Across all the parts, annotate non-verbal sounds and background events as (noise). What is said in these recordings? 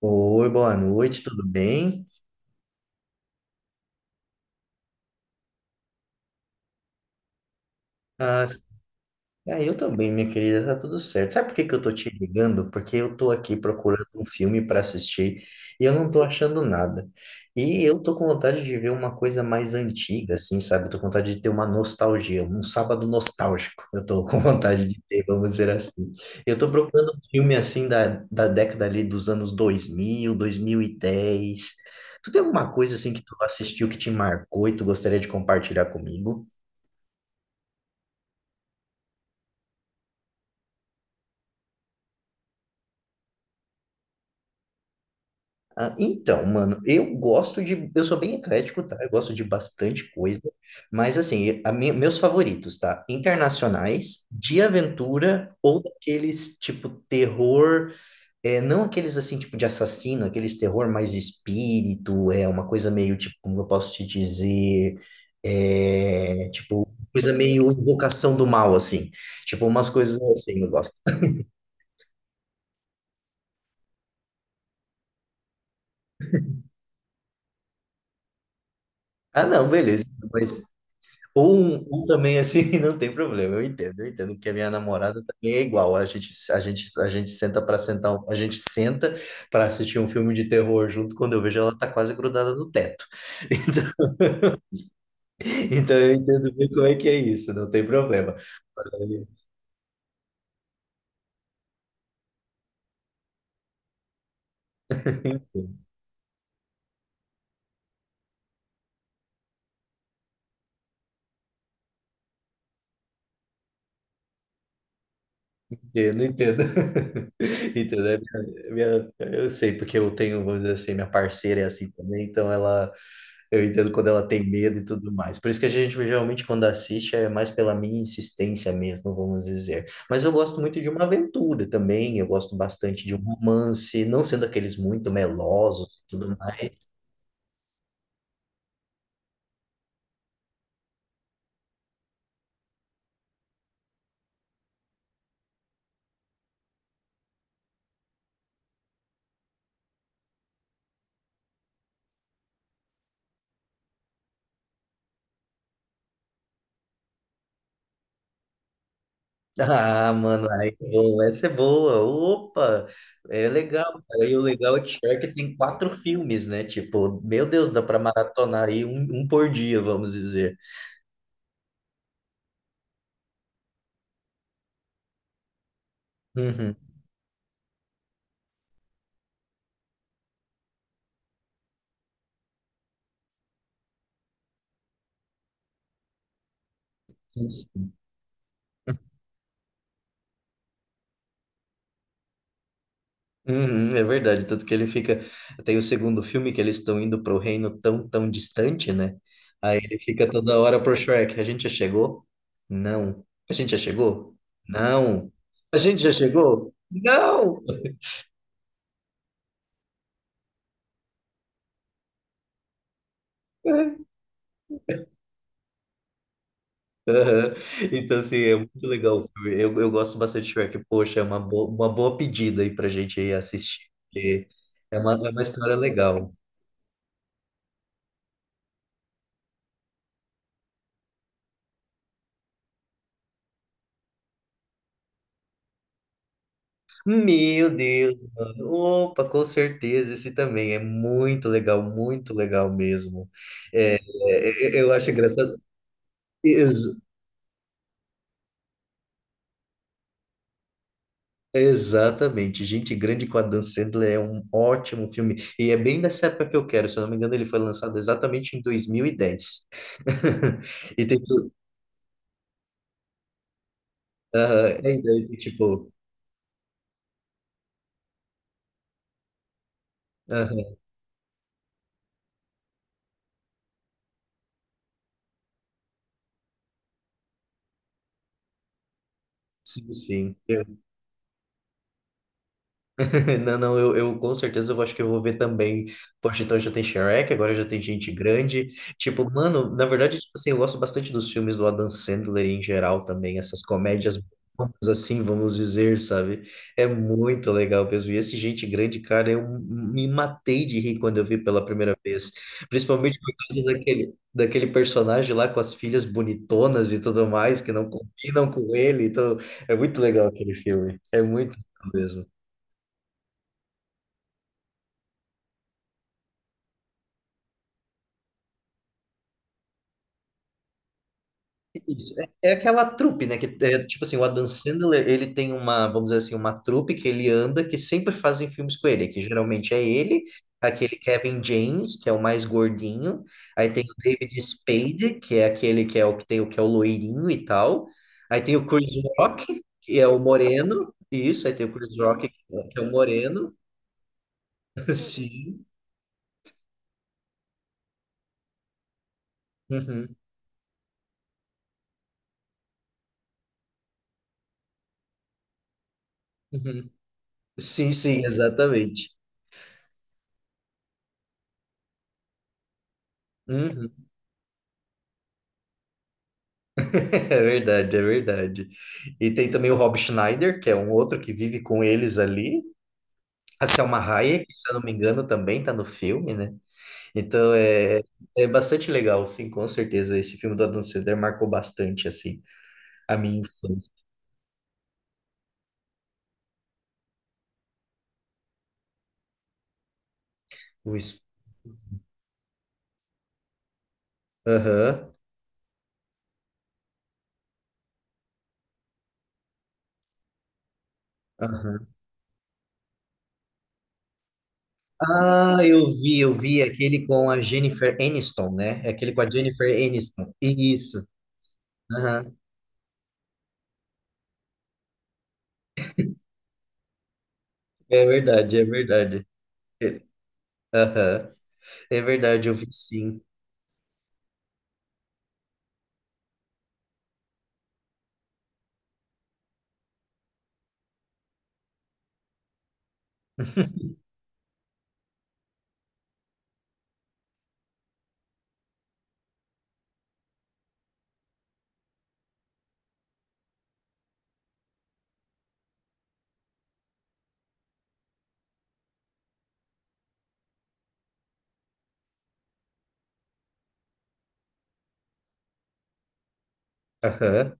Oi, boa noite, tudo bem? Ah, eu também, minha querida, tá tudo certo. Sabe por que que eu tô te ligando? Porque eu tô aqui procurando um filme para assistir e eu não tô achando nada. E eu tô com vontade de ver uma coisa mais antiga, assim, sabe? Eu tô com vontade de ter uma nostalgia, um sábado nostálgico. Eu tô com (laughs) vontade de ter, vamos dizer assim. Eu tô procurando um filme, assim, da década ali dos anos dois 2000, 2010. Tu tem alguma coisa, assim, que tu assistiu que te marcou e tu gostaria de compartilhar comigo? Ah, então, mano, eu gosto de. Eu sou bem eclético, tá? Eu gosto de bastante coisa. Mas, assim, meus favoritos, tá? Internacionais, de aventura ou daqueles tipo terror. É, não aqueles assim, tipo de assassino, aqueles terror mais espírito, é uma coisa meio tipo, como eu posso te dizer. É, tipo, coisa meio invocação do mal, assim. Tipo, umas coisas assim eu gosto. Ah, não, beleza. Ou, ou também assim, (laughs) não tem problema, eu entendo, porque a minha namorada também é igual. A gente senta para sentar, a gente senta para assistir um filme de terror junto, quando eu vejo ela tá quase grudada no teto. (laughs) Então, então eu entendo bem como é que é isso, não tem problema. Eu não entendo. (laughs) Entendeu? Eu sei, porque eu tenho, vamos dizer assim, minha parceira é assim também, então ela, eu entendo quando ela tem medo e tudo mais. Por isso que a gente geralmente, quando assiste, é mais pela minha insistência mesmo, vamos dizer. Mas eu gosto muito de uma aventura também, eu gosto bastante de um romance, não sendo aqueles muito melosos e tudo mais. (laughs) Ah, mano, aí é bom, essa é boa. Opa, é legal, cara. E o legal é que Shrek tem quatro filmes, né? Tipo, meu Deus, dá pra maratonar aí um por dia, vamos dizer. Uhum. Uhum, é verdade, tanto que ele fica. Tem o segundo filme que eles estão indo para o reino tão, tão distante, né? Aí ele fica toda hora pro Shrek: A gente já chegou? Não. A gente já chegou? Não. A gente já chegou? Não! (laughs) Então, assim, é muito legal o filme. Eu gosto bastante de Shrek. Poxa, é uma, bo uma boa pedida aí pra gente ir assistir, porque é uma história legal. Meu Deus, mano. Opa, com certeza, esse também é muito legal mesmo. Eu acho engraçado. Ex- exatamente, Gente Grande com Adam Sandler é um ótimo filme. E é bem dessa época que eu quero, se eu não me engano, ele foi lançado exatamente em 2010. (laughs) E tem tudo. Aham, é, então, tipo. Aham, sim, sim. (laughs) Não, não, eu com certeza eu acho que eu vou ver também. Poxa, então já tem Shrek, agora já tem gente grande. Tipo, mano, na verdade, tipo assim, eu gosto bastante dos filmes do Adam Sandler em geral também, essas comédias bobas, assim, vamos dizer, sabe? É muito legal mesmo. E esse gente grande, cara, eu me matei de rir quando eu vi pela primeira vez. Principalmente por causa daquele personagem lá com as filhas bonitonas e tudo mais, que não combinam com ele. Então, é muito legal aquele filme. É muito legal mesmo. Isso. É aquela trupe, né? Que é, tipo assim, o Adam Sandler, ele tem uma, vamos dizer assim, uma trupe que ele anda, que sempre fazem filmes com ele, que geralmente é ele, aquele Kevin James, que é o mais gordinho, aí tem o David Spade, que é aquele que é o que tem o que é o loirinho e tal. Aí tem o Chris Rock, que é o moreno. Isso, aí tem o Chris Rock, que é o moreno. (laughs) Sim. Uhum, uhum. Sim, sim, exatamente. Uhum. (laughs) É verdade, é verdade. E tem também o Rob Schneider, que é um outro que vive com eles ali. A Selma Hayek, se eu não me engano, também tá no filme, né? Então é, é bastante legal, sim, com certeza. Esse filme do Adam Sandler marcou bastante, assim, a minha infância. O es- Aham, aham. Ah, eu vi aquele com a Jennifer Aniston, né? É aquele com a Jennifer Aniston. Isso. Aham. É verdade, é verdade. É. Aham. É verdade, eu vi sim. (laughs) Aham.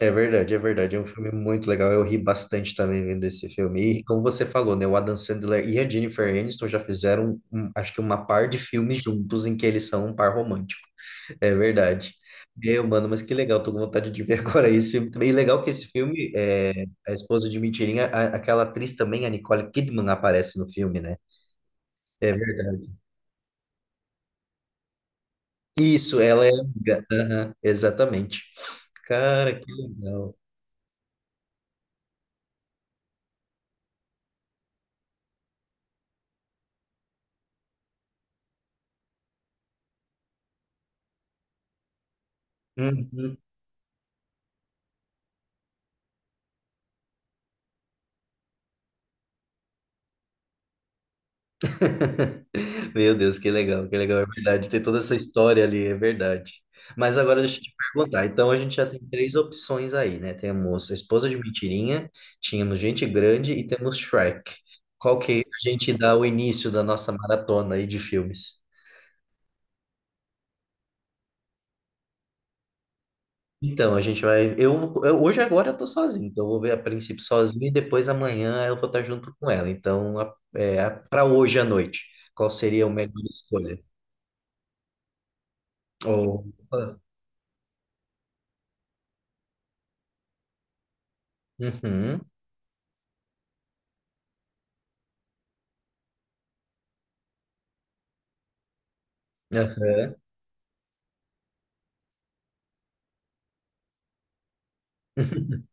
É verdade, é verdade. É um filme muito legal. Eu ri bastante também vendo esse filme. E como você falou, né? O Adam Sandler e a Jennifer Aniston já fizeram, acho que uma par de filmes juntos em que eles são um par romântico. É verdade. Meu, mano, mas que legal. Tô com vontade de ver (laughs) agora esse filme também. E legal que esse filme, é, a esposa de Mentirinha, aquela atriz também, a Nicole Kidman, aparece no filme, né? É verdade. Isso, ela é amiga. Aham, exatamente. Cara, que legal. Uhum. Meu Deus, que legal, é verdade. Tem toda essa história ali, é verdade. Mas agora deixa eu te perguntar. Então a gente já tem três opções aí, né? Temos a Esposa de Mentirinha, tínhamos Gente Grande e temos Shrek. Qual que a gente dá o início da nossa maratona aí de filmes? Então, a gente vai. Hoje agora eu tô sozinho, então eu vou ver a princípio sozinho e depois amanhã eu vou estar junto com ela. Então, pra hoje à noite, qual seria a melhor escolha? Ou. Uhum, aham. (laughs)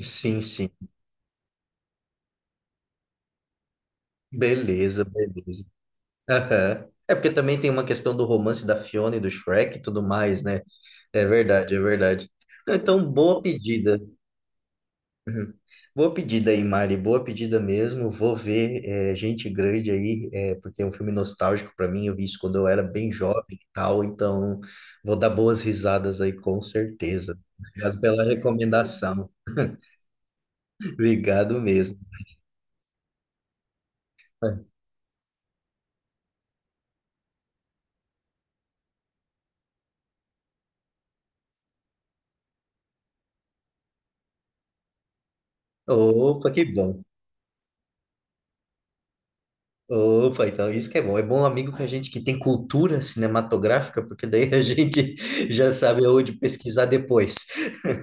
Sim, sim. Beleza, beleza. Aham. É porque também tem uma questão do romance da Fiona e do Shrek e tudo mais, né? É verdade, é verdade. Não, então, boa pedida. Uhum. Boa pedida aí, Mari. Boa pedida mesmo. Vou ver é, Gente Grande aí, é, porque é um filme nostálgico para mim. Eu vi isso quando eu era bem jovem e tal. Então, vou dar boas risadas aí, com certeza. Obrigado pela recomendação. (laughs) Obrigado mesmo. Opa, que bom. Opa, então isso que é bom. É bom amigo com a gente que tem cultura cinematográfica, porque daí a gente (laughs) já sabe onde pesquisar depois. (laughs)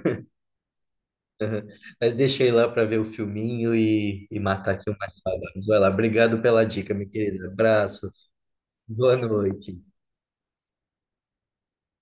Mas deixa eu ir lá para ver o filminho e matar aqui uma saudade. Vai lá, obrigado pela dica, meu querido. Abraço, boa noite.